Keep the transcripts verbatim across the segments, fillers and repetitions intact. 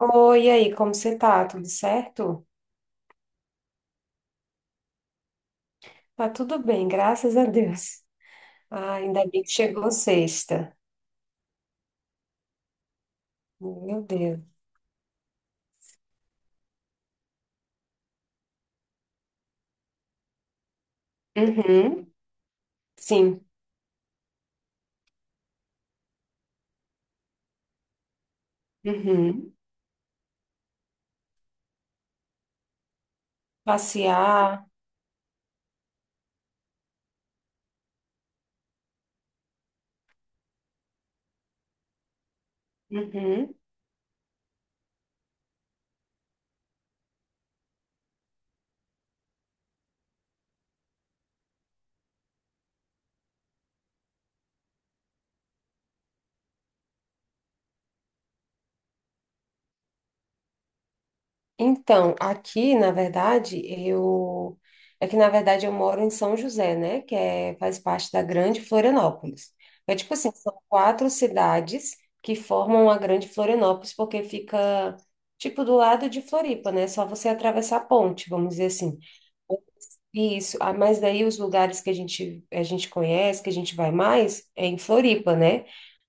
Oi, e aí, como você tá? Tudo certo? Tá tudo bem, graças a Deus. Ah, ainda bem que chegou sexta. Meu Deus. Uhum, sim. Uhum. Passear. Uhum. Então, aqui, na verdade, eu é que na verdade eu moro em São José, né, que é faz parte da Grande Florianópolis. É tipo assim, são quatro cidades que formam a Grande Florianópolis porque fica tipo do lado de Floripa, né? Só você atravessar a ponte, vamos dizer assim. Isso, ah, mas daí os lugares que a gente a gente conhece, que a gente vai mais, é em Floripa, né?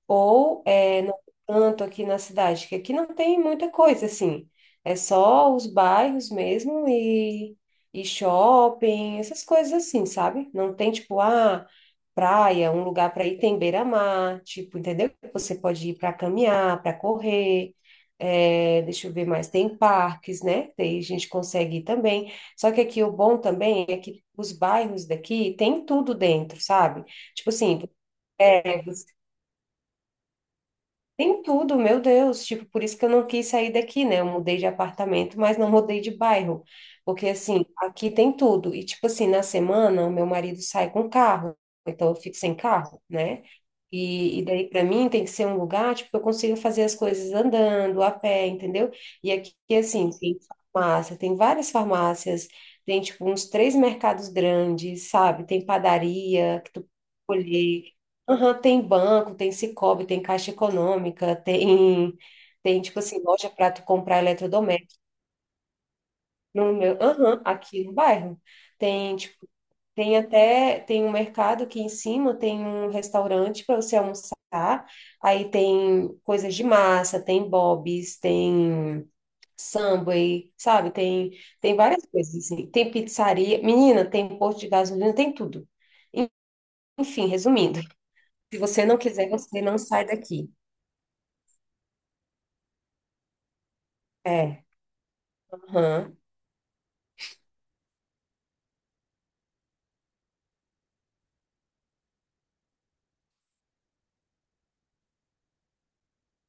Ou é, no canto aqui na cidade, que aqui não tem muita coisa assim, é só os bairros mesmo e, e shopping, essas coisas assim, sabe? Não tem tipo, ah, praia, um lugar para ir tem beira-mar, tipo, entendeu? Você pode ir para caminhar, para correr. É, deixa eu ver mais, tem parques, né? Daí a gente consegue ir também. Só que aqui o bom também é que os bairros daqui tem tudo dentro, sabe? Tipo assim, tem tudo, meu Deus. Tipo, por isso que eu não quis sair daqui, né? Eu mudei de apartamento, mas não mudei de bairro. Porque, assim, aqui tem tudo. E, tipo assim, na semana, o meu marido sai com carro. Então, eu fico sem carro, né? E, e daí, para mim, tem que ser um lugar, tipo, que eu consiga fazer as coisas andando, a pé, entendeu? E aqui, assim, tem farmácia, tem várias farmácias, tem, tipo, uns três mercados grandes, sabe? Tem padaria que tu pode escolher. Aham, tem banco, tem Sicoob, tem Caixa Econômica, tem, tem tipo assim, loja para tu comprar eletrodoméstico. No meu, aham, aqui no bairro. Tem, tipo, tem até, tem um mercado aqui em cima, tem um restaurante para você almoçar. Aí tem coisas de massa, tem Bob's, tem Subway, sabe? Tem, tem várias coisas assim. Tem pizzaria, menina, tem posto de gasolina, tem tudo. Enfim, resumindo, se você não quiser, você não sai daqui. É. Aham.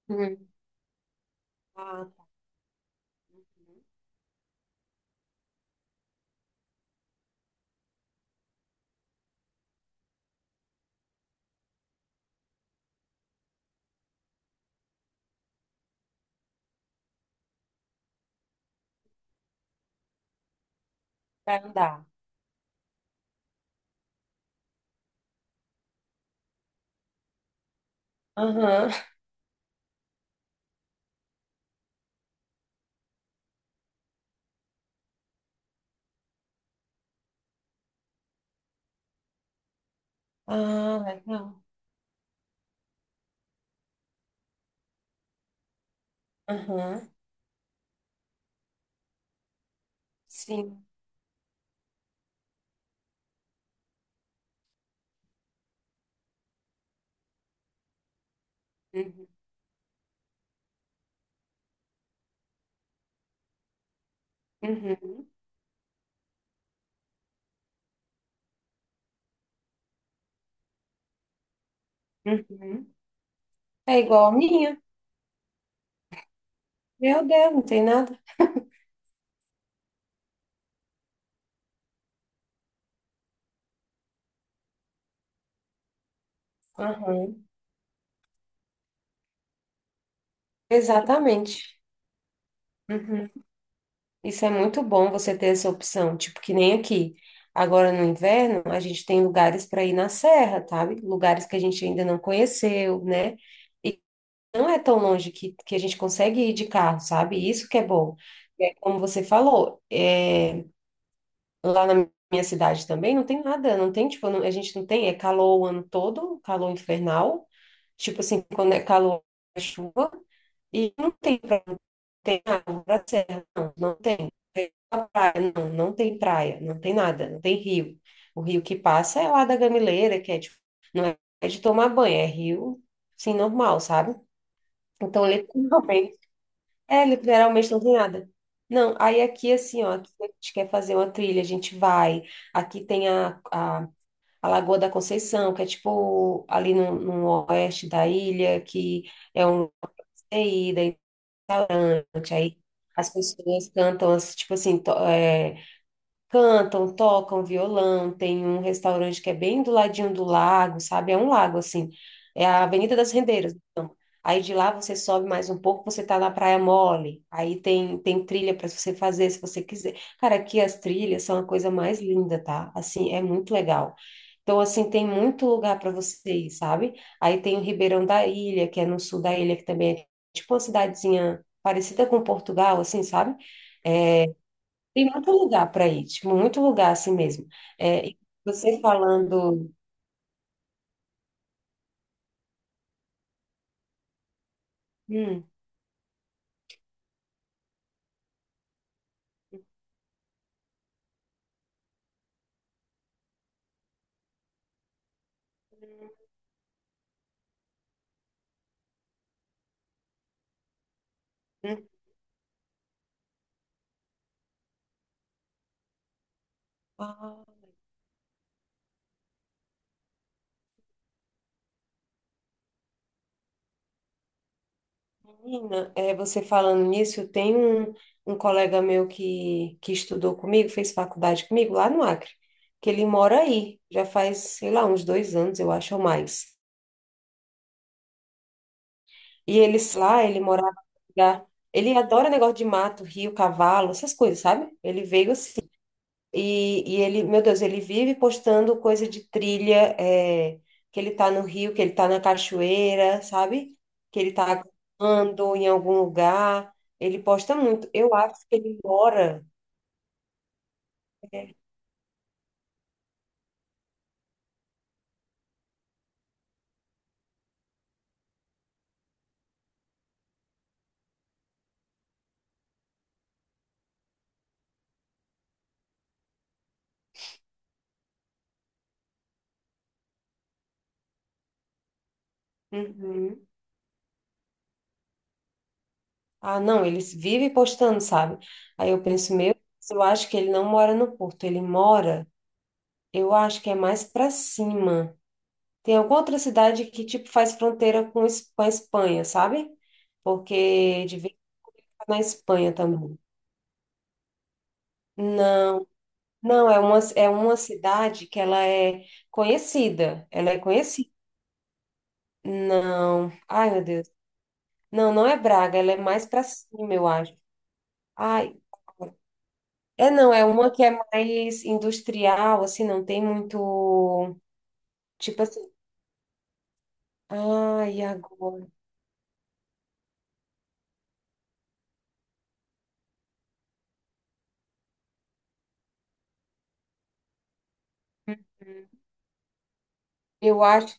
Hum. Ah, uhum. Pra andar. Aham. Ah, legal. Aham. Sim. Uhum. Uhum. Uhum. É igual a minha. Meu Deus, não tem nada. Aham. Exatamente. Uhum. Isso é muito bom você ter essa opção, tipo que nem aqui. Agora no inverno, a gente tem lugares para ir na serra, sabe? Lugares que a gente ainda não conheceu, né? Não é tão longe que, que a gente consegue ir de carro, sabe? Isso que é bom. E aí, como você falou, é, lá na minha cidade também não tem nada, não tem, tipo, não- a gente não tem, é calor o ano todo, calor infernal, tipo assim, quando é calor, é chuva, e não tem pra, não tem água pra serra, não, não tem. Tem pra praia, não, não tem praia, não tem nada, não tem rio. O rio que passa é lá da Gamileira, que é, tipo, não é de tomar banho, é rio, sim normal, sabe? Então, literalmente, é, literalmente não tem nada. Não, aí aqui assim, ó, aqui a gente quer fazer uma trilha, a gente vai. Aqui tem a, a, a, Lagoa da Conceição, que é tipo ali no, no oeste da ilha, que é um lugar de ida, aí as pessoas cantam, assim, tipo assim, cantam, tocam violão, tem um restaurante que é bem do ladinho do lago, sabe? É um lago, assim. É a Avenida das Rendeiras. Então. Aí de lá você sobe mais um pouco, você tá na Praia Mole. Aí tem, tem trilha para você fazer se você quiser. Cara, aqui as trilhas são a coisa mais linda, tá? Assim, é muito legal. Então, assim, tem muito lugar para você ir, sabe? Aí tem o Ribeirão da Ilha, que é no sul da ilha, que também é tipo uma cidadezinha parecida com Portugal, assim, sabe? É, tem muito lugar para ir, tipo, muito lugar assim mesmo. É, e você falando. Hum, hum, ah, menina, é, você falando nisso, tem um, um colega meu que, que estudou comigo, fez faculdade comigo lá no Acre, que ele mora aí, já faz, sei lá, uns dois anos, eu acho, ou mais. E eles lá, ele morava num lugar- ele adora negócio de mato, rio, cavalo, essas coisas, sabe? Ele veio assim. E, e ele, meu Deus, ele vive postando coisa de trilha, é, que ele tá no rio, que ele tá na cachoeira, sabe? Que ele tá andando em algum lugar. Ele posta muito. Eu acho que ele mora. É, uhum. Ah, não, ele vive postando, sabe? Aí eu penso, meu, eu acho que ele não mora no Porto, ele mora, eu acho que é mais pra cima. Tem alguma outra cidade que, tipo, faz fronteira com Es- com a Espanha, sabe? Porque de vez em quando tá na Espanha também. Não, não, é uma, é uma cidade que ela é conhecida. Ela é conhecida. Não. Ai, meu Deus. Não, não é Braga, ela é mais para cima, eu acho. Ai, é não, é uma que é mais industrial, assim, não tem muito, tipo assim, ai, agora. Eu acho.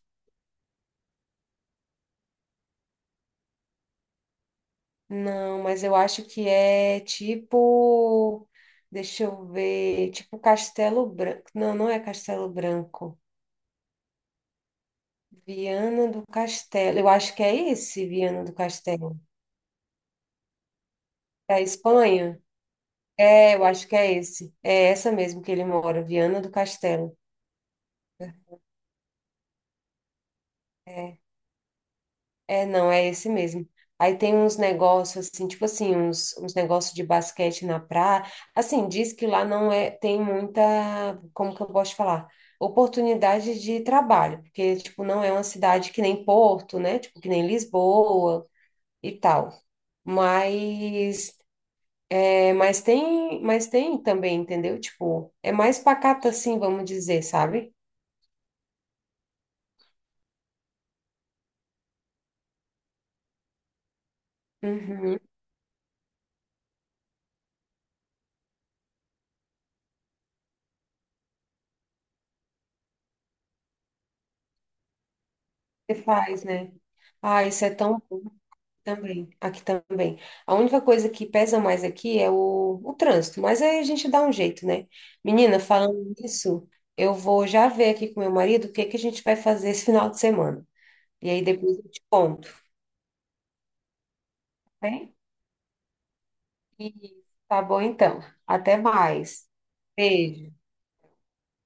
Não, mas eu acho que é tipo. Deixa eu ver. Tipo Castelo Branco. Não, não é Castelo Branco. Viana do Castelo. Eu acho que é esse, Viana do Castelo. Da Espanha? É, eu acho que é esse. É essa mesmo que ele mora, Viana do Castelo. É. É, não, é esse mesmo. Aí tem uns negócios assim, tipo assim, uns, uns negócios de basquete na praia. Assim, diz que lá não é, tem muita, como que eu posso te falar? Oportunidade de trabalho, porque, tipo, não é uma cidade que nem Porto, né? Tipo, que nem Lisboa e tal. Mas, é, mas tem, mas tem também, entendeu? Tipo, é mais pacato assim, vamos dizer, sabe? Uhum. Você faz, né? Ah, isso é tão. Também, aqui também. A única coisa que pesa mais aqui é o, o trânsito, mas aí a gente dá um jeito, né? Menina, falando nisso, eu vou já ver aqui com meu marido o que que a gente vai fazer esse final de semana. E aí depois eu te conto, né? E tá bom então. Até mais. Beijo.